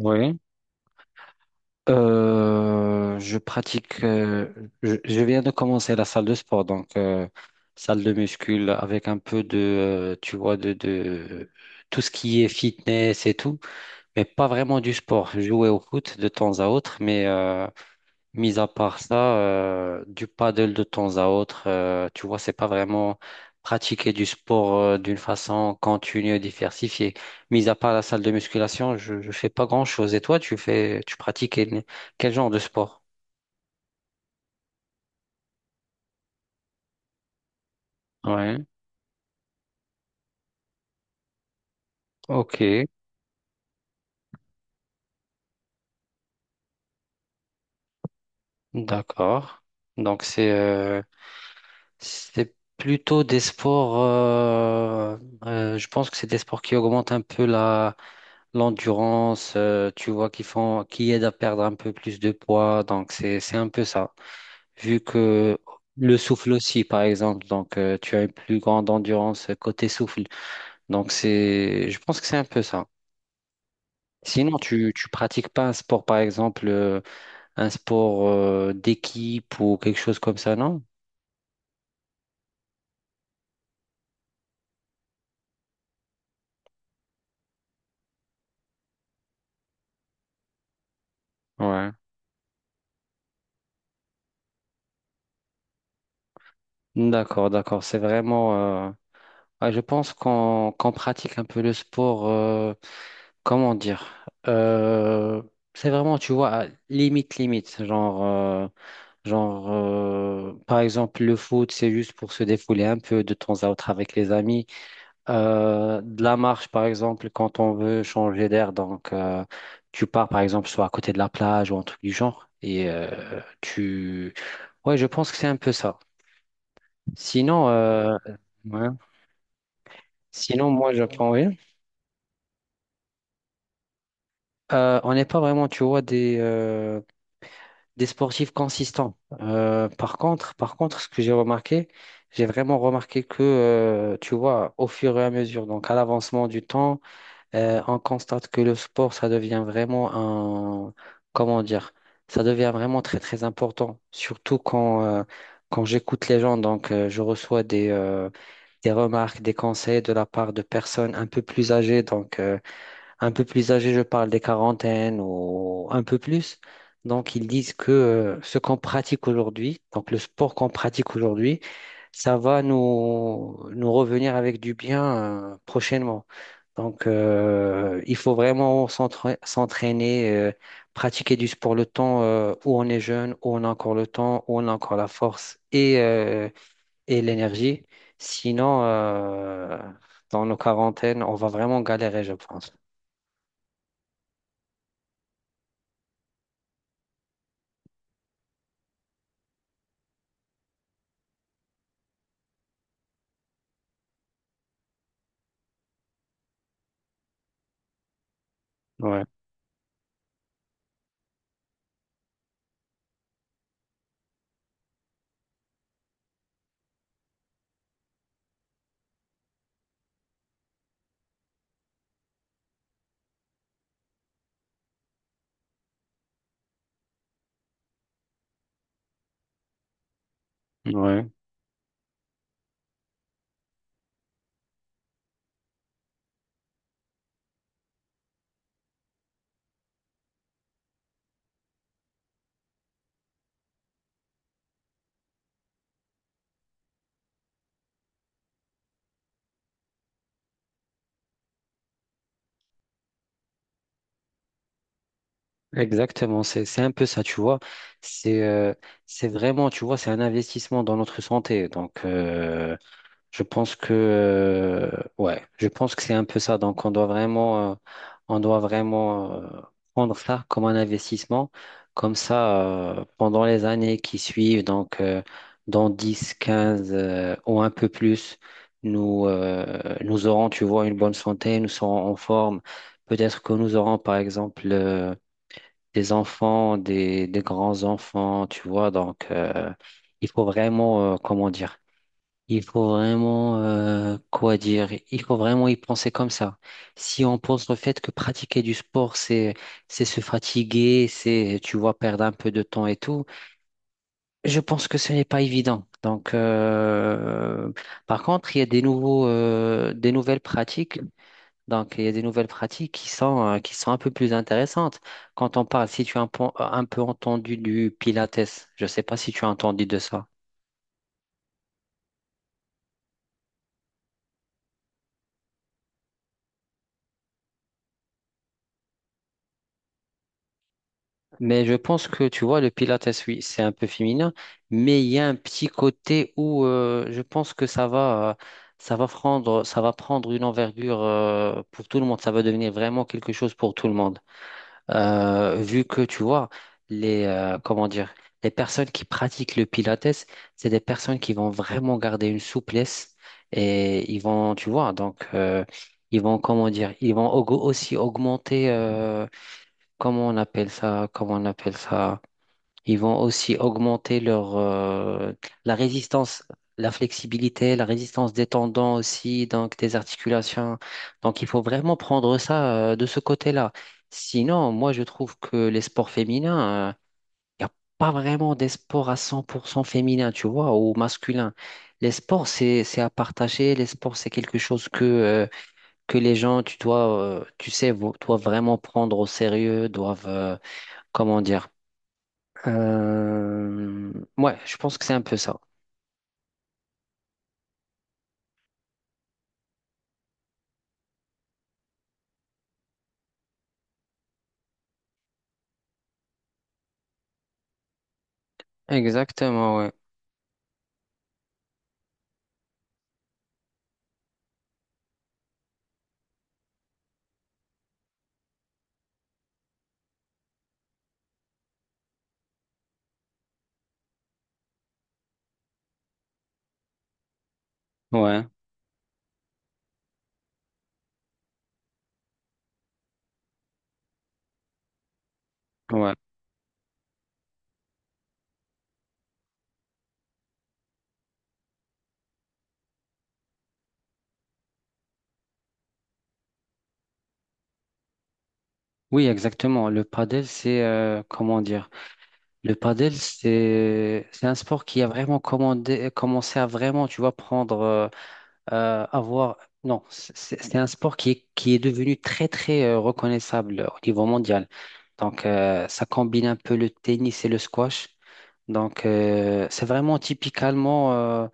Oui. Je pratique, je viens de commencer la salle de sport, donc salle de muscule avec un peu de, tu vois, de tout ce qui est fitness et tout, mais pas vraiment du sport. Jouer au foot de temps à autre, mis à part ça, du paddle de temps à autre, tu vois, c'est pas vraiment pratiquer du sport d'une façon continue et diversifiée. Mis à part la salle de musculation, je fais pas grand-chose. Et toi, tu pratiques quel genre de sport? Ouais. Ok. D'accord. Donc c'est euh, C'est plutôt des sports, je pense que c'est des sports qui augmentent un peu l'endurance, tu vois, qui aident à perdre un peu plus de poids. Donc, c'est un peu ça. Vu que le souffle aussi, par exemple, donc tu as une plus grande endurance côté souffle. Donc, je pense que c'est un peu ça. Sinon, tu pratiques pas un sport, par exemple, un sport d'équipe ou quelque chose comme ça, non? Ouais. D'accord, d'accord. C'est vraiment. Ah, je pense qu'on pratique un peu le sport. Comment dire? C'est vraiment, tu vois, à limite, limite. Genre, par exemple, le foot, c'est juste pour se défouler un peu de temps à autre avec les amis. De la marche, par exemple, quand on veut changer d'air. Donc, tu pars, par exemple, soit à côté de la plage ou un truc du genre. Et tu. Ouais, je pense que c'est un peu ça. Sinon, ouais. Sinon, moi, j'apprends rien. On n'est pas vraiment, tu vois, des sportifs consistants. Par contre, ce que j'ai vraiment remarqué que, tu vois, au fur et à mesure, donc à l'avancement du temps, on constate que le sport, ça devient vraiment un, comment dire, ça devient vraiment très, très important. Surtout quand j'écoute les gens, donc je reçois des remarques, des conseils de la part de personnes un peu plus âgées. Donc, un peu plus âgées, je parle des quarantaines ou un peu plus. Donc, ils disent que ce qu'on pratique aujourd'hui, donc le sport qu'on pratique aujourd'hui, ça va nous revenir avec du bien prochainement. Donc, il faut vraiment s'entraîner, pratiquer du sport le temps où on est jeune, où on a encore le temps, où on a encore la force et l'énergie. Sinon, dans nos quarantaines, on va vraiment galérer, je pense. Ouais, ouais. Exactement, c'est un peu ça, tu vois. C'est euh, c'est vraiment, tu vois, c'est un investissement dans notre santé. Donc, Je pense que ouais, je pense que c'est un peu ça. Donc on doit vraiment prendre ça comme un investissement. Comme ça, pendant les années qui suivent, donc dans 10, 15 ou un peu plus, nous aurons, tu vois, une bonne santé, nous serons en forme. Peut-être que nous aurons, par exemple, des enfants, des grands-enfants, tu vois. Donc, il faut vraiment, comment dire, il faut vraiment, quoi dire, il faut vraiment y penser comme ça. Si on pense au fait que pratiquer du sport, c'est se fatiguer, c'est, tu vois, perdre un peu de temps et tout, je pense que ce n'est pas évident. Donc, par contre, il y a des nouvelles pratiques. Donc, il y a des nouvelles pratiques qui sont un peu plus intéressantes. Si tu as un peu entendu du Pilates, je ne sais pas si tu as entendu de ça. Mais je pense que tu vois, le Pilates, oui, c'est un peu féminin, mais il y a un petit côté où je pense que ça va prendre une envergure pour tout le monde. Ça va devenir vraiment quelque chose pour tout le monde. Vu que tu vois, comment dire, les personnes qui pratiquent le Pilates, c'est des personnes qui vont vraiment garder une souplesse et ils vont, tu vois, donc ils vont, comment dire, ils vont aussi augmenter, comment on appelle ça, comment on appelle ça. Ils vont aussi augmenter la résistance, la flexibilité, la résistance des tendons aussi, donc des articulations. Donc, il faut vraiment prendre ça, de ce côté-là. Sinon, moi, je trouve que les sports féminins, il n'y a pas vraiment des sports à 100% féminins, tu vois, ou masculins. Les sports, c'est à partager. Les sports, c'est quelque chose que les gens, tu dois, tu sais, doivent vraiment prendre au sérieux, doivent, comment dire, euh, ouais, je pense que c'est un peu ça. Exactement, ouais. Ouais, ouais. Oui, exactement. Le padel, c'est comment dire? Le padel, c'est un sport qui a vraiment commencé à vraiment, tu vois, prendre, avoir. Non, c'est un sport qui est devenu très très reconnaissable au niveau mondial. Donc, ça combine un peu le tennis et le squash. Donc, c'est vraiment typiquement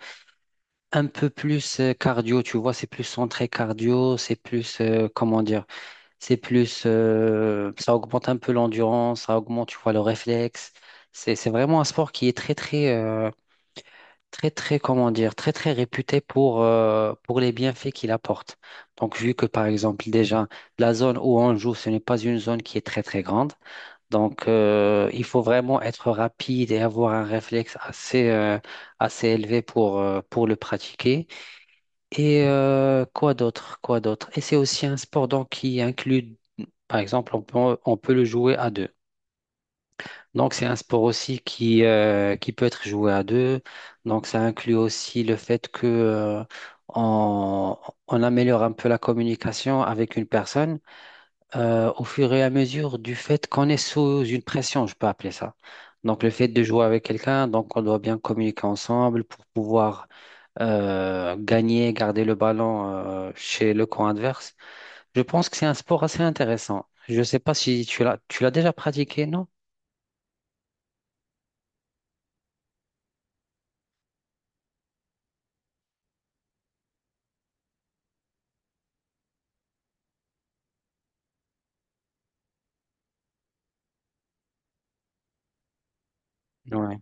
un peu plus cardio, tu vois, c'est plus centré cardio, c'est plus, comment dire, ça augmente un peu l'endurance, ça augmente, tu vois, le réflexe. C'est vraiment un sport qui est très, très, très, très, comment dire, très, très réputé pour les bienfaits qu'il apporte. Donc, vu que, par exemple, déjà, la zone où on joue, ce n'est pas une zone qui est très, très grande. Donc, il faut vraiment être rapide et avoir un réflexe assez élevé pour le pratiquer. Quoi d'autre? Quoi d'autre? Et c'est aussi un sport donc qui inclut, par exemple, on peut le jouer à deux. Donc c'est un sport aussi qui peut être joué à deux. Donc ça inclut aussi le fait que on, on améliore un peu la communication avec une personne au fur et à mesure du fait qu'on est sous une pression, je peux appeler ça. Donc le fait de jouer avec quelqu'un, donc on doit bien communiquer ensemble pour pouvoir garder le ballon chez le camp adverse. Je pense que c'est un sport assez intéressant. Je ne sais pas si tu l'as déjà pratiqué, non? Ouais,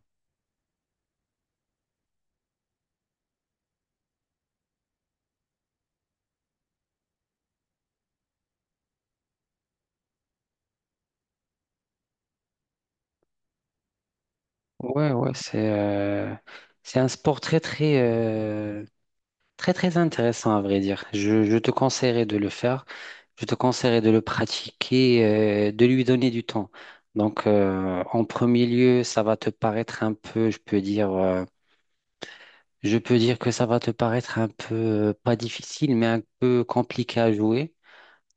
ouais, ouais, c'est un sport très très très très intéressant à vrai dire. Je te conseillerais de le faire. Je te conseillerais de le pratiquer, de lui donner du temps. Donc, en premier lieu, ça va te paraître un peu, je peux dire. Je peux dire que ça va te paraître un peu, pas difficile, mais un peu compliqué à jouer.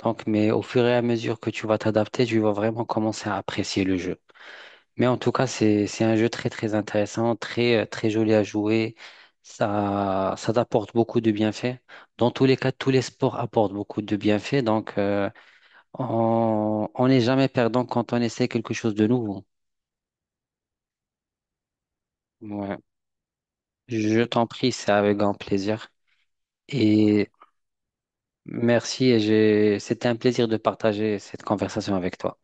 Donc, mais au fur et à mesure que tu vas t'adapter, tu vas vraiment commencer à apprécier le jeu. Mais en tout cas, c'est un jeu très, très intéressant, très joli à jouer. Ça t'apporte beaucoup de bienfaits. Dans tous les cas, tous les sports apportent beaucoup de bienfaits. Donc, on n'est jamais perdant quand on essaie quelque chose de nouveau. Ouais. Je t'en prie, c'est avec grand plaisir. Et Merci c'était un plaisir de partager cette conversation avec toi.